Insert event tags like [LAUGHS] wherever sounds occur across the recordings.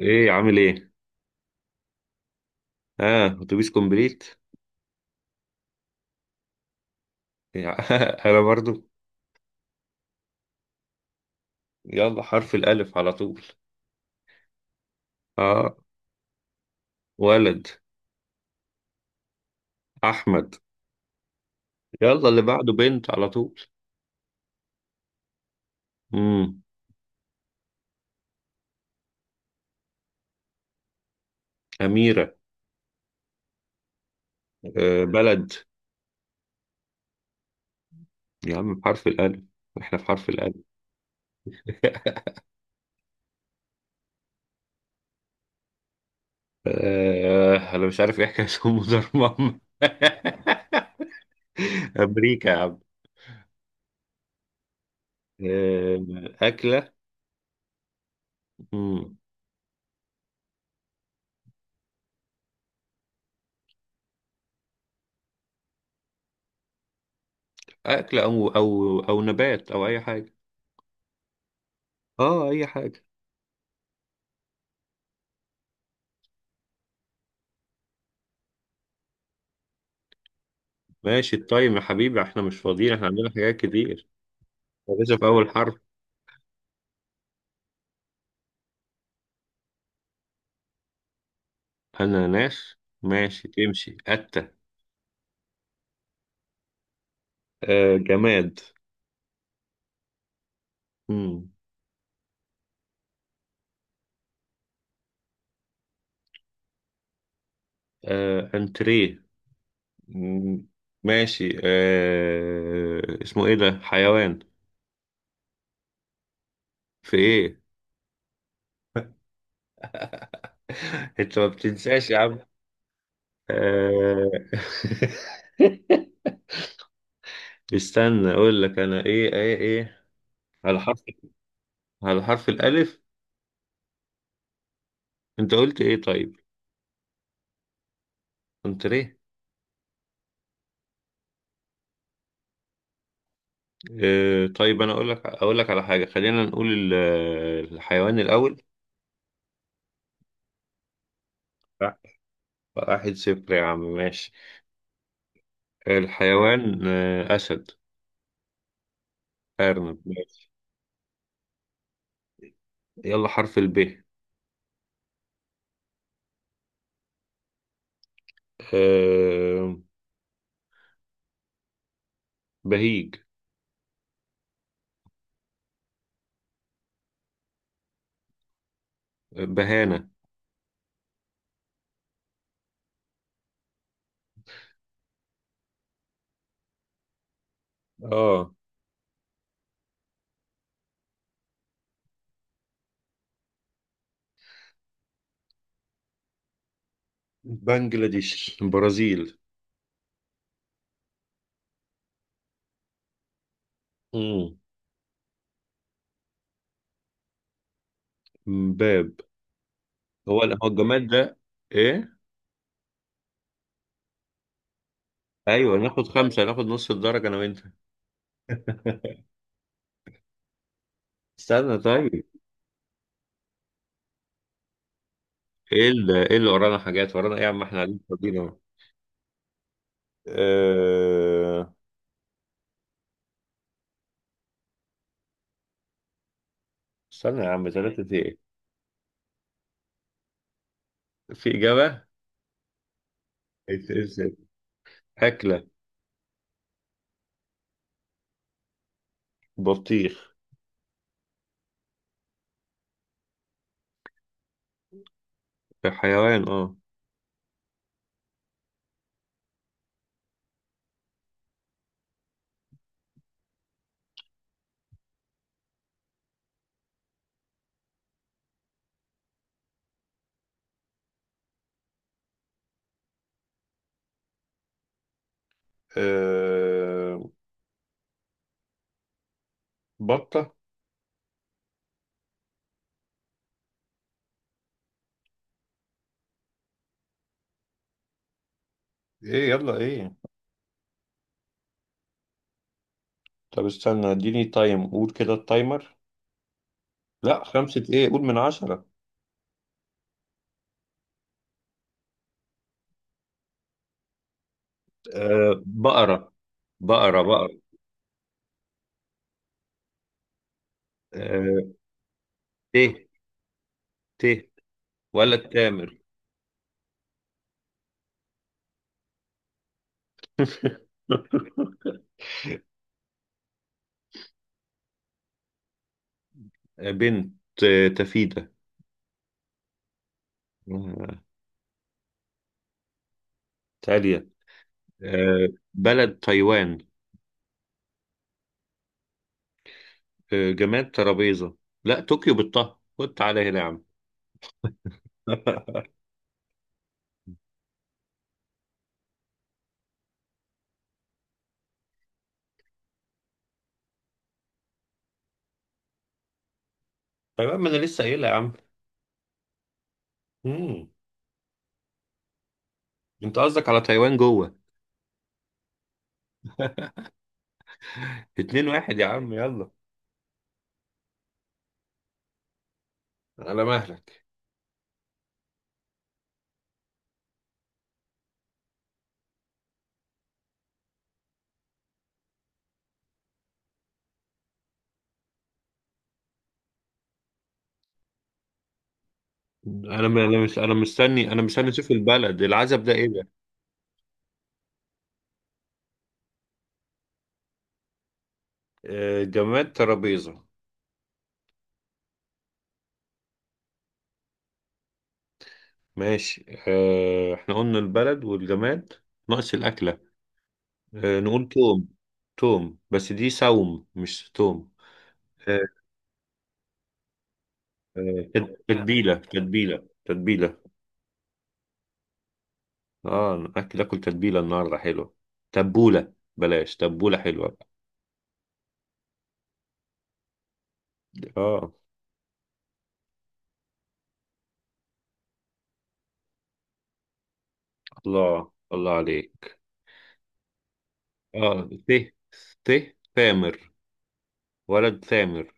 ايه عامل ايه؟ اه اتوبيس كومبليت. [LAUGHS] انا برضو. يلا، حرف الالف على طول. اه ولد، احمد. يلا اللي بعده بنت على طول. امم اميره. آه، بلد. يا عم بحرف الالف، احنا في حرف الالف. [LAUGHS] آه، انا مش عارف ايه حكايه ام دار ماما. [LAUGHS] امريكا يا عم. آه، اكله. امم. اكله او نبات او اي حاجه. اه، اي حاجه. ماشي، التايم يا حبيبي، احنا مش فاضيين، احنا عندنا حاجات كتير. يا باشا، في أول حرف. أناناس. ماشي تمشي أتة. آه، جماد. مم. آه، أنتريه. مم. ماشي. آه، اسمه إيه ده حيوان؟ في إيه؟ [LAUGHS] أنت ما بتنساش يا عم. آه. [LAUGHS] استنى أقول لك أنا إيه. على حرف، على حرف الألف. أنت قلت إيه طيب؟ أنتريه. آه، طيب انا اقول لك على حاجه، خلينا نقول الحيوان الاول. لا، 1-0 يا عم ماشي. الحيوان، آه، اسد. ارنب ماشي. يلا حرف الب. آه، بهيج. بهانه. اه، بنجلاديش، برازيل. مم. باب. هو هو الجماد ده ايه؟ ايوه ناخد خمسه، ناخد نص الدرجه انا وانت. استنى طيب. ايه اللي ورانا حاجات، ورانا ايه يا عم، احنا قاعدين فاضيين. أه... استنى يا عم، ثلاثة ايه؟ في إجابة. ازاي؟ أكلة. بطيخ. حيوان، اه. أه... بطة. ايه يلا ايه؟ طب استنى، اديني تايم، قول كده التايمر. لا خمسة ايه، قول من 10. بقرة، بقرة، بقرة. أه... ت ت ولا التامر. [LAUGHS] بنت. آه، تفيدة. آه، تالية. آه، بلد، تايوان. آه، جماد، ترابيزة. لا طوكيو بالطه، خد تعالى هنا يا عم. [LAUGHS] تايوان، ما انا لسه قايلها يا عم. مم. انت قصدك على تايوان جوه؟ 2-1 يا عم يلا. على مهلك. انا م- انا مش انا مستني انا مستني اشوف البلد العزب ده ايه ده؟ آه، جماد، ترابيزة. ماشي، آه، احنا قلنا البلد والجماد. ناقص الاكلة. آه، نقول توم. توم، بس دي سوم مش توم. آه، آه، تتبيلة، تتبيلة، تتبيلة. اه، الاكل اكل تتبيله النهارده حلوه. تبوله، بلاش، تبوله حلوه. اه، الله الله عليك. اه ته ته ثامر. ولد ثامر.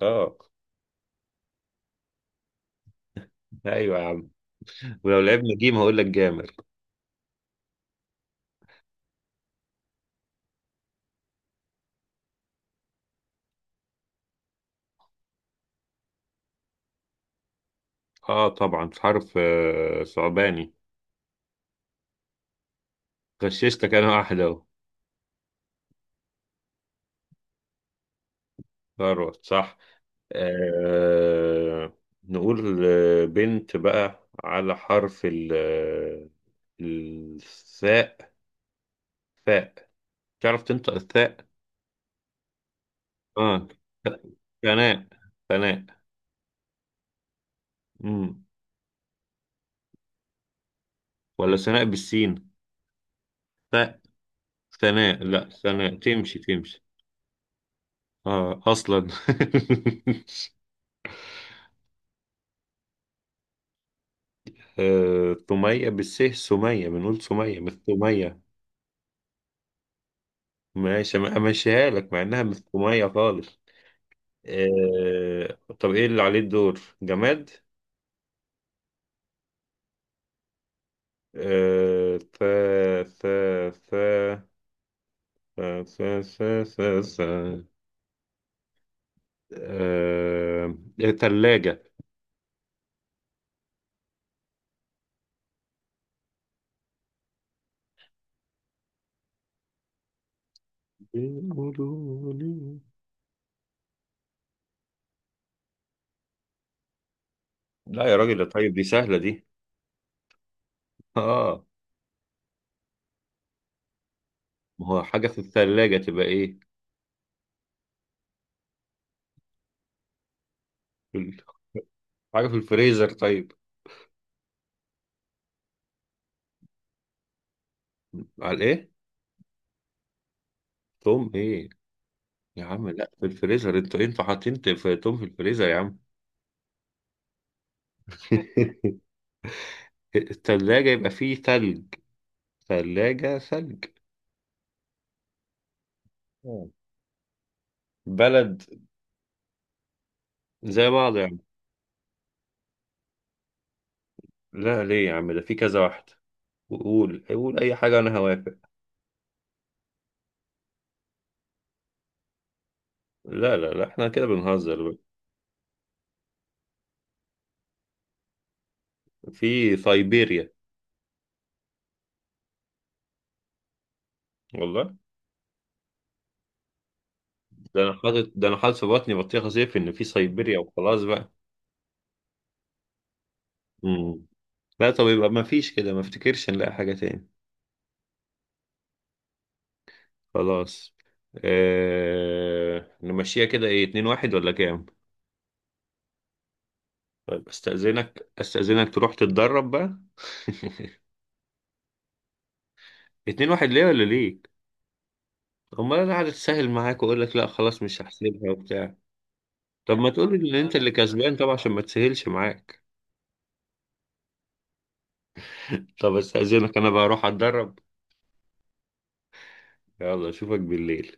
اه. ايوه يا عم. ولو لعبنا جيم هقول لك جامر. اه، طبعا في حرف صعباني. غششتك، انا واحده اهو. خلاص، صح. آه. نقول، آه، بنت بقى على حرف ال آه، الثاء. ثاء. تعرف تنطق الثاء؟ اه، ثناء، ثناء. امم. ولا ثناء بالسين؟ ثاء. ثناء، لا، ثناء تمشي تمشي. اه، اصلا. [LAUGHS] آه، ثمية بالس، سمية، بنقول سمية مش ثمية. ماشي، امشيها لك مع انها مش ثمية خالص. آه طب ايه اللي عليه الدور؟ جماد. آه، ف ف ف ف ف ف ف ف آه، تلاجة. بيقولوا لي. لا يا راجل، طيب دي سهلة دي. اه. ما هو حاجة في الثلاجة تبقى ايه؟ في ال- حاجة في الفريزر طيب. على ايه؟ توم ايه؟ يا عم لا، في الفريزر انتوا إيه؟ انتوا حاطين في توم، في الفريزر يا عم. [LAUGHS] الثلاجة يبقى فيه ثلج. ثلاجة، ثلج. آه. بلد. زي بعض يا عم. لا ليه يا عم، ده في كذا واحد. قول قول اي حاجة، انا هوافق. لا لا لا، احنا كده بنهزر بقى. في سيبيريا. والله. ده انا حاطط في بطني بطيخه صيف ان في سيبيريا وخلاص بقى. امم. لا طب، يبقى ما فيش كده، ما افتكرش نلاقي حاجه تاني. خلاص. نمشيها كده، ايه 2-1 ولا كام؟ طيب استأذنك، استأذنك تروح تتدرب بقى. [LAUGHS] 2-1، ليه ولا ليك؟ امال انا قاعد اتسهل معاك، واقول لك لا خلاص مش هحسبها وبتاع. طب ما تقول ان انت اللي كسبان طبعا، عشان ما تسهلش معاك. [LAUGHS] طب استأذنك انا بقى، اروح اتدرب. يلا، اشوفك بالليل.